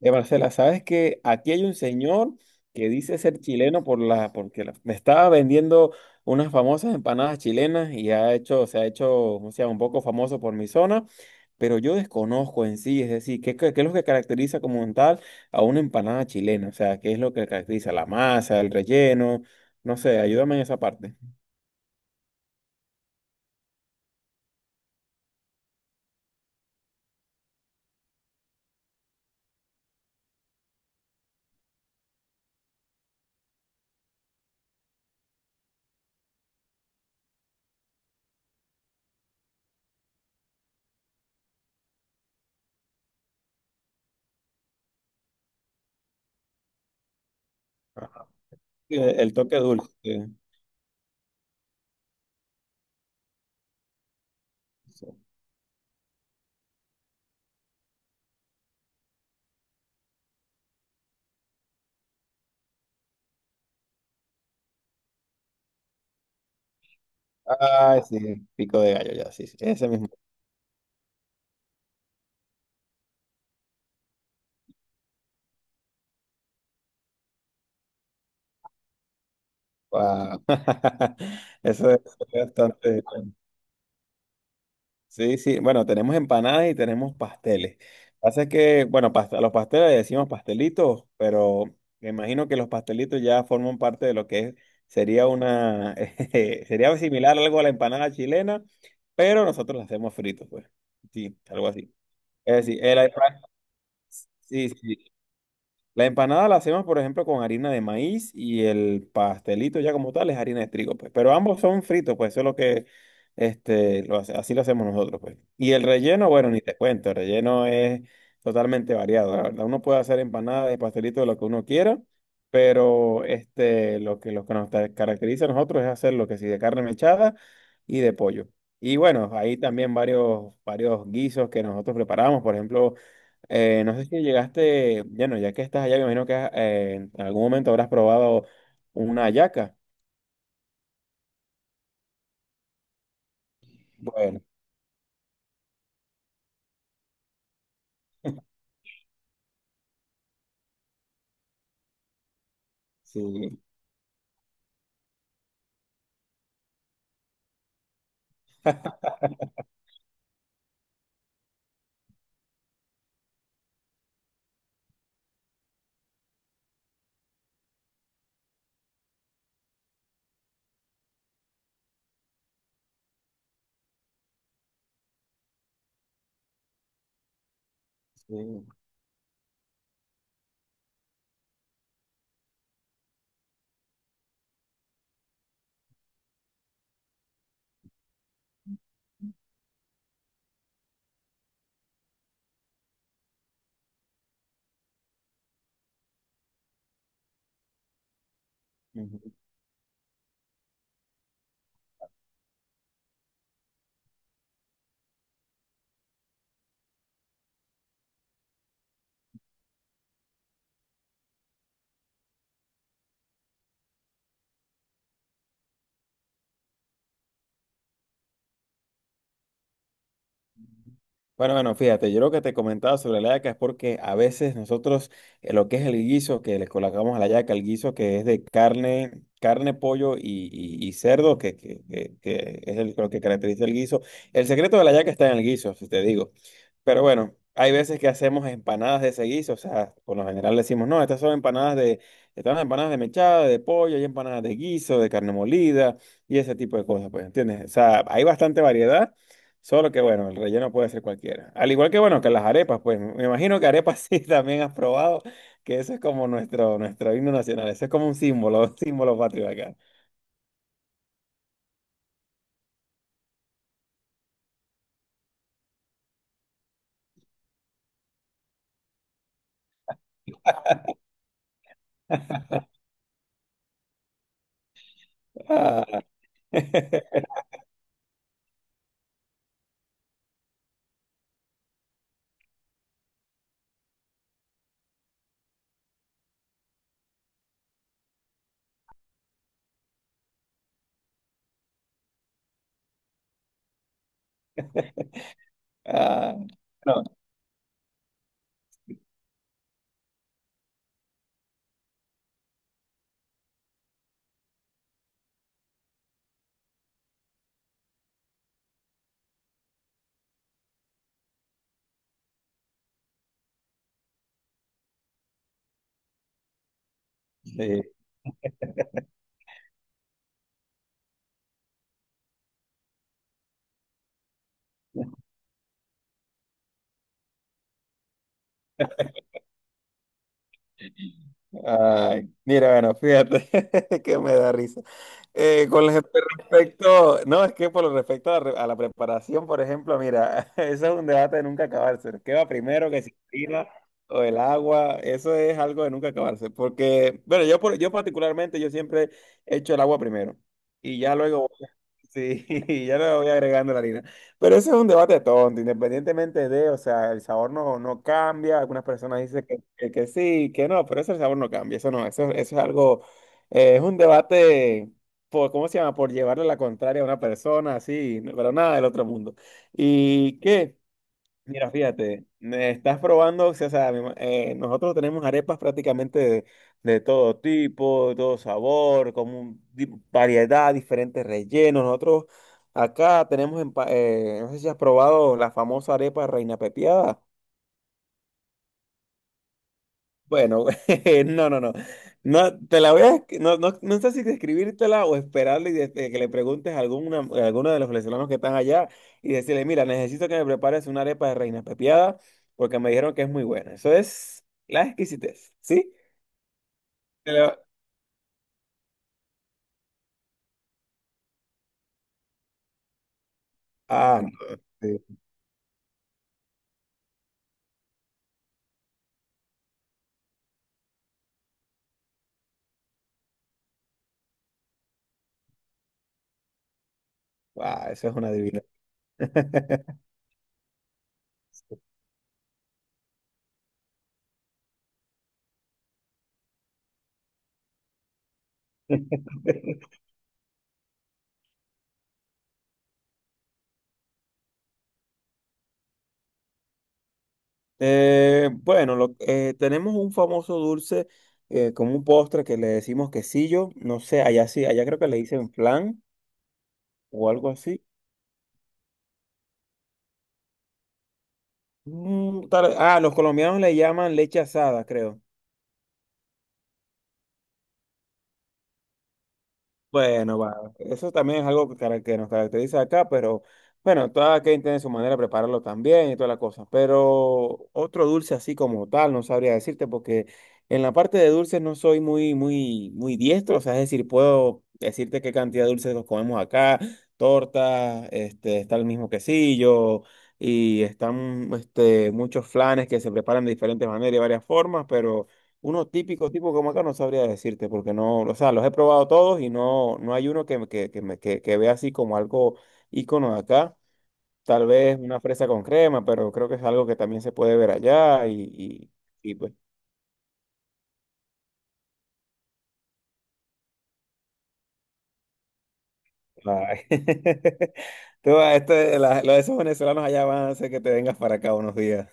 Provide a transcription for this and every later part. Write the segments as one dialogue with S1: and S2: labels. S1: Marcela, sabes que aquí hay un señor que dice ser chileno por me estaba vendiendo unas famosas empanadas chilenas y se ha hecho, o sea, un poco famoso por mi zona, pero yo desconozco en sí, es decir, qué es lo que caracteriza como un tal a una empanada chilena? O sea, ¿qué es lo que caracteriza? La masa, el relleno, no sé, ayúdame en esa parte. Ajá. El toque dulce. Sí. Ay, sí, pico de gallo, ya, sí, sí, ese mismo. Wow. Eso es bastante. Sí, sí, bueno, tenemos empanadas y tenemos pasteles. Pasa que, bueno, a los pasteles le decimos pastelitos, pero me imagino que los pastelitos ya forman parte de sería una, sería similar algo a la empanada chilena, pero nosotros la hacemos fritos, pues. Sí, algo así. Es decir, el, sí, sí, la empanada la hacemos, por ejemplo, con harina de maíz y el pastelito ya como tal es harina de trigo, pues. Pero ambos son fritos, pues eso es lo que, este, lo hace- así lo hacemos nosotros, pues. Y el relleno, bueno, ni te cuento, el relleno es totalmente variado, la verdad. Uno puede hacer empanadas de pastelito de lo que uno quiera, pero este, lo que caracteriza a nosotros es hacer lo que sí de carne mechada y de pollo. Y bueno, hay también varios guisos que nosotros preparamos, por ejemplo. No sé si llegaste, bueno, ya que estás allá, me imagino que en algún momento habrás probado una hallaca. Bueno, sí, sí. Ujú. Bueno, bueno, fíjate, yo lo que te comentaba sobre la hallaca es porque a veces nosotros lo que es el guiso que le colocamos a la hallaca, el guiso que es de carne, pollo y cerdo, que es lo que caracteriza el guiso. El secreto de la hallaca está en el guiso, si te digo. Pero bueno, hay veces que hacemos empanadas de ese guiso, o sea, por lo general decimos, no, estas son empanadas de, están las empanadas de mechada, de pollo, hay empanadas de guiso, de carne molida y ese tipo de cosas, pues, ¿entiendes? O sea, hay bastante variedad, solo que bueno, el relleno puede ser cualquiera. Al igual que bueno, que las arepas, pues, me imagino que arepas sí también has probado, que eso es como nuestro, nuestro himno nacional, eso es como un símbolo, un símbolo patrio acá. Ah, ah, no, sí. Ay, mira, bueno, fíjate que me da risa. Eh, con el- respecto, no, es que por lo respecto a, a la preparación, por ejemplo, mira, eso es un debate de nunca acabarse. ¿Qué va primero, que si la harina o el agua? Eso es algo de nunca acabarse, porque, bueno, yo particularmente, yo siempre he hecho el agua primero y ya luego, voy- sí, y ya luego voy agregando la harina. Pero eso es un debate tonto, independientemente de, o sea, el sabor no, no cambia. Algunas personas dicen que sí, que no, pero eso el sabor no cambia, eso no, eso es algo, es un debate por, ¿cómo se llama? Por llevarle la contraria a una persona, así, no- pero nada del otro mundo. ¿Y qué? Mira, fíjate, me estás probando, o sea, nosotros tenemos arepas prácticamente de todo tipo, de todo sabor, como un variedad, diferentes rellenos. Nosotros acá tenemos, no sé si has probado la famosa arepa reina pepiada. Bueno, no, no, no. No, te la voy a, esc- no, no, no sé si describírtela o esperarle y de que le preguntes a alguna, a alguno de los venezolanos que están allá y decirle, mira, necesito que me prepares una arepa de reina pepiada porque me dijeron que es muy buena. Eso es la exquisitez, ¿sí? Te la- Ah, no, sí. Ah, eso es una divina. Bueno, tenemos un famoso dulce como un postre que le decimos quesillo. No sé, allá sí, allá creo que le dicen flan o algo así. Los colombianos le llaman leche asada, creo. Bueno, va. Eso también es algo que nos caracteriza acá, pero bueno, cada quien tiene su manera de prepararlo también y toda la cosa. Pero otro dulce así como tal, no sabría decirte, porque en la parte de dulces no soy muy diestro. O sea, es decir, puedo decirte qué cantidad de dulces nos comemos acá, torta, este, está el mismo quesillo. Y están este, muchos flanes que se preparan de diferentes maneras y varias formas, pero uno típico, tipo como acá, no sabría decirte, porque no, o sea, los he probado todos y no, no hay uno que, que vea así como algo ícono de acá. Tal vez una fresa con crema, pero creo que es algo que también se puede ver allá y pues. Ay. Tú, esto, los de esos venezolanos allá van a hacer que te vengas para acá unos días.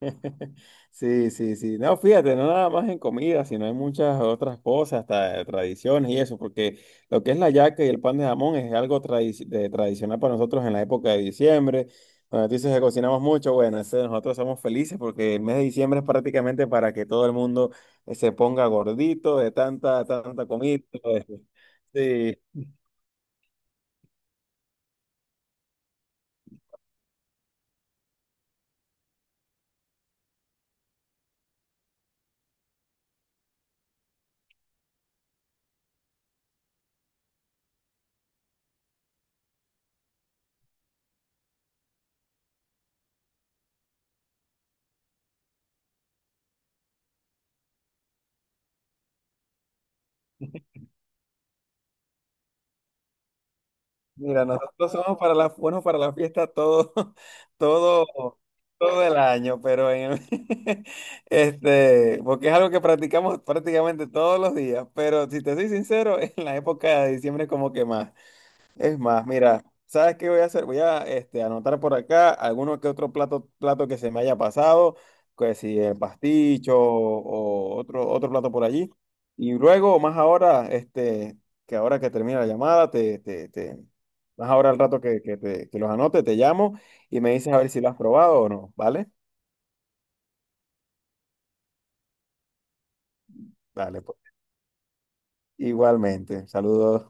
S1: Sí, sí, sí. No, fíjate, no nada más en comida, sino en muchas otras cosas, hasta tradiciones y eso, porque lo que es la yaca y el pan de jamón es algo tradicional para nosotros en la época de diciembre. Cuando tú dices que cocinamos mucho, bueno, nosotros somos felices porque el mes de diciembre es prácticamente para que todo el mundo se ponga gordito de tanta, tanta comida. Y todo eso. Sí, mira, nosotros somos para la, buenos para la fiesta todo, todo, todo el año, pero este, porque es algo que practicamos prácticamente todos los días, pero si te soy sincero, en la época de diciembre como que más. Es más, mira, ¿sabes qué voy a hacer? Voy a este, anotar por acá alguno que otro plato que se me haya pasado, que si el pasticho o, otro plato por allí. Y luego, más ahora, este, que ahora que termina la llamada, más ahora al rato que los anote, te llamo y me dices a ver si lo has probado o no, ¿vale? Dale, pues. Igualmente, saludos.